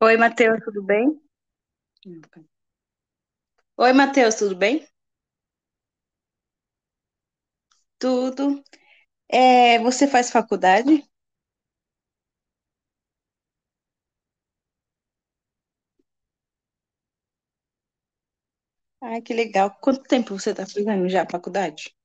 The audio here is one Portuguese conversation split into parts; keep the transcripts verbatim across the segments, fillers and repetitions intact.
Oi, Matheus, tudo bem? Oi, Matheus, tudo bem? Tudo. É, você faz faculdade? Ai, que legal. Quanto tempo você está fazendo já a faculdade?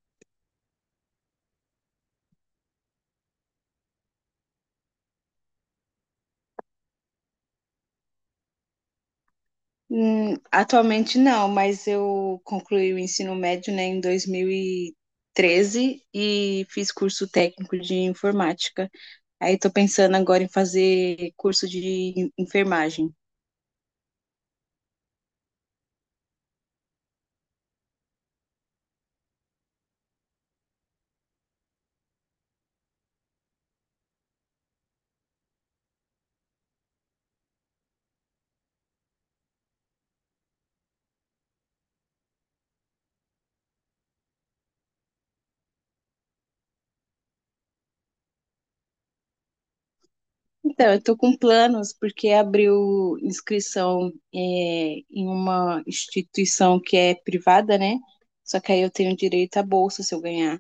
Hum, atualmente não, mas eu concluí o ensino médio, né, em dois mil e treze e fiz curso técnico de informática. Aí estou pensando agora em fazer curso de enfermagem. Então, eu tô com planos porque abriu inscrição é, em uma instituição que é privada, né? Só que aí eu tenho direito à bolsa se eu ganhar.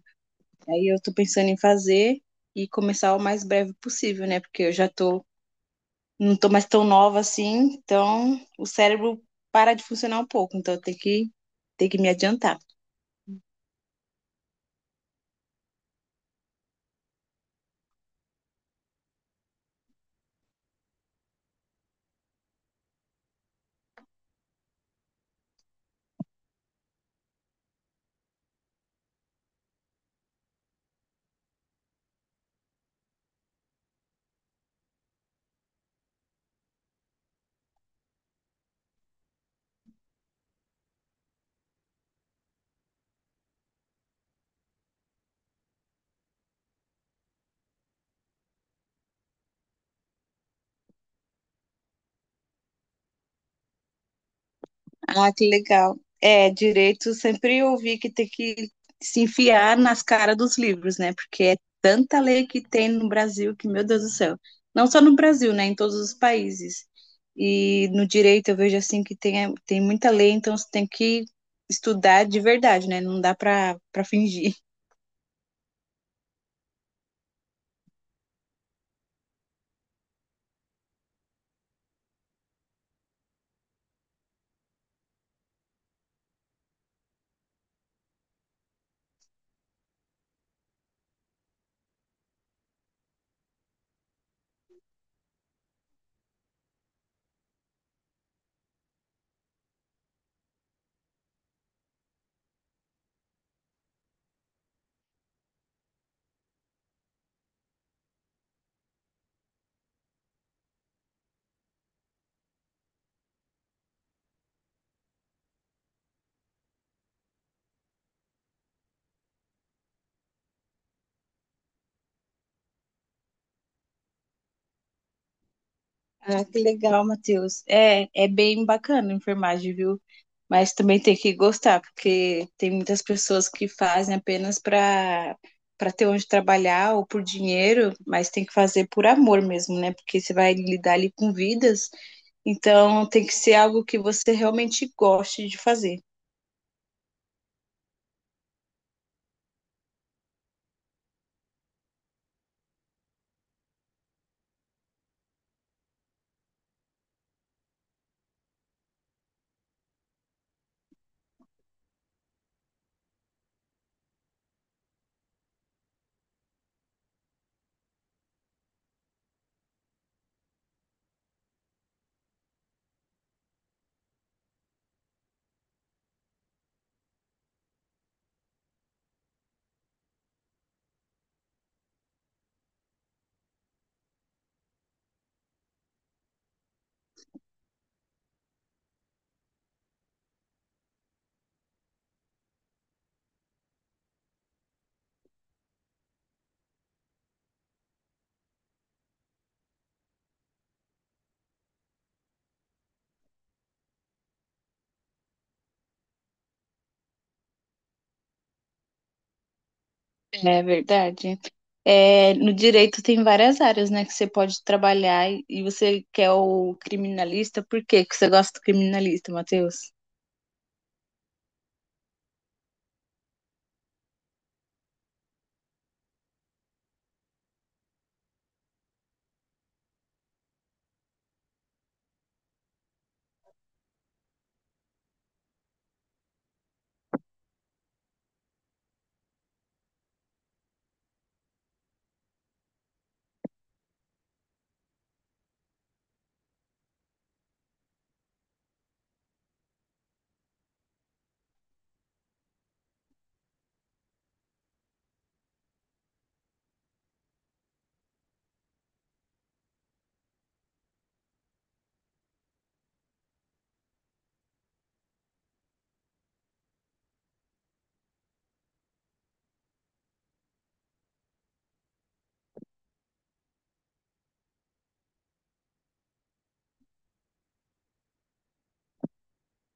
Aí eu tô pensando em fazer e começar o mais breve possível, né? Porque eu já tô, não tô mais tão nova assim, então o cérebro para de funcionar um pouco, então eu tenho que, tenho que me adiantar. Ah, que legal. É, direito, sempre ouvi que tem que se enfiar nas caras dos livros, né? Porque é tanta lei que tem no Brasil que, meu Deus do céu. Não só no Brasil, né? Em todos os países. E no direito eu vejo assim que tem, tem muita lei, então você tem que estudar de verdade, né? Não dá para para fingir. Ah, que legal, Matheus. É, é bem bacana a enfermagem, viu? Mas também tem que gostar, porque tem muitas pessoas que fazem apenas para para ter onde trabalhar ou por dinheiro, mas tem que fazer por amor mesmo, né? Porque você vai lidar ali com vidas, então tem que ser algo que você realmente goste de fazer. Né? É verdade. É, no direito tem várias áreas, né, que você pode trabalhar e e você quer o criminalista, por quê que você gosta do criminalista, Matheus?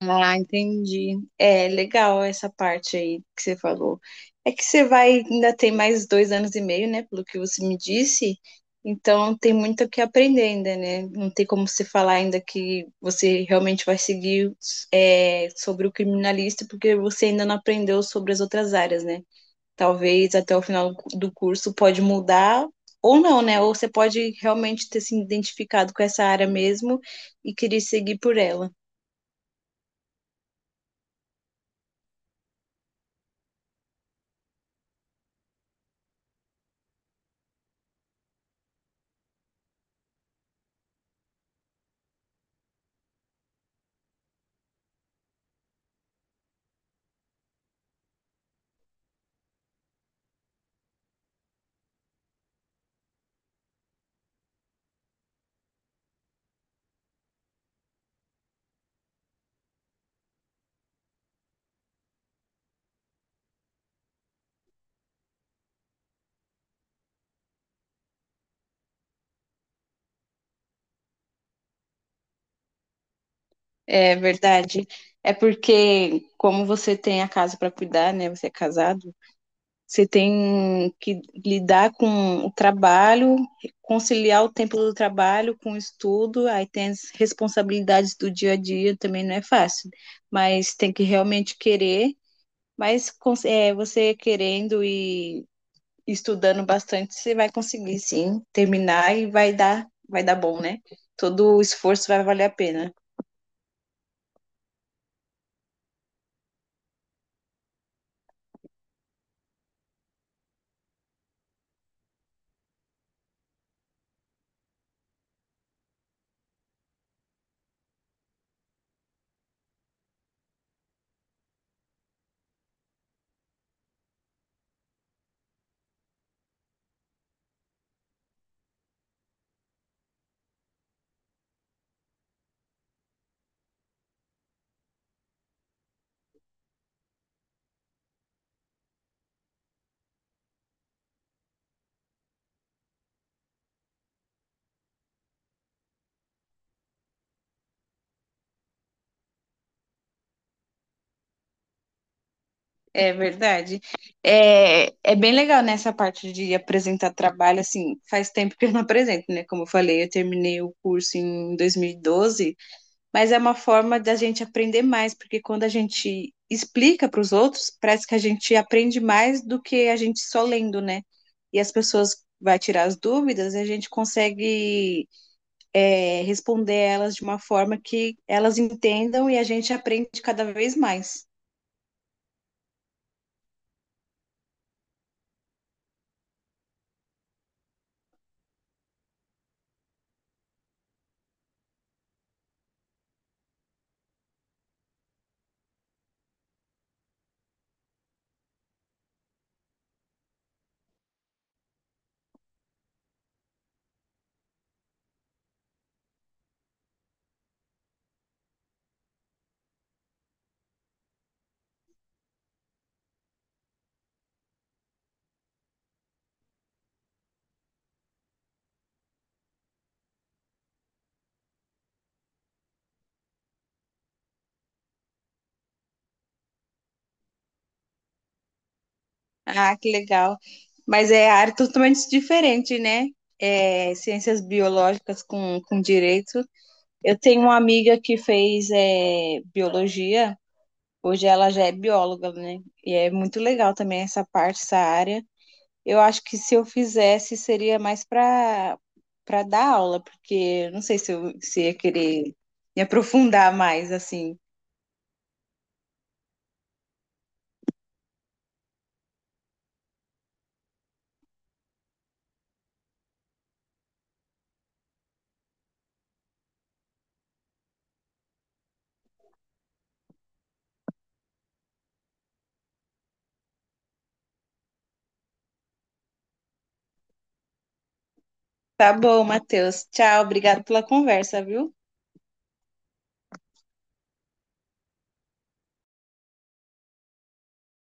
Ah, entendi. É legal essa parte aí que você falou. É que você vai, ainda tem mais dois anos e meio, né? Pelo que você me disse. Então tem muito o que aprender ainda, né? Não tem como você falar ainda que você realmente vai seguir é, sobre o criminalista, porque você ainda não aprendeu sobre as outras áreas, né? Talvez até o final do curso pode mudar ou não, né? Ou você pode realmente ter se identificado com essa área mesmo e querer seguir por ela. É verdade. É porque, como você tem a casa para cuidar, né? Você é casado, você tem que lidar com o trabalho, conciliar o tempo do trabalho com o estudo, aí tem as responsabilidades do dia a dia, também não é fácil, mas tem que realmente querer. Mas cons- é, você querendo e estudando bastante, você vai conseguir sim terminar e vai dar, vai dar bom, né? Todo o esforço vai valer a pena. É verdade. É, é bem legal nessa parte de apresentar trabalho, assim, faz tempo que eu não apresento, né? Como eu falei, eu terminei o curso em dois mil e doze, mas é uma forma da gente aprender mais, porque quando a gente explica para os outros, parece que a gente aprende mais do que a gente só lendo, né? E as pessoas vai tirar as dúvidas, e a gente consegue é, responder elas de uma forma que elas entendam e a gente aprende cada vez mais. Ah, que legal. Mas é área totalmente diferente, né? É, ciências biológicas com, com direito. Eu tenho uma amiga que fez é, biologia, hoje ela já é bióloga, né? E é muito legal também essa parte, essa área. Eu acho que se eu fizesse seria mais para para dar aula, porque eu não sei se eu se ia querer me aprofundar mais assim. Tá bom, Matheus. Tchau, obrigado pela conversa, viu?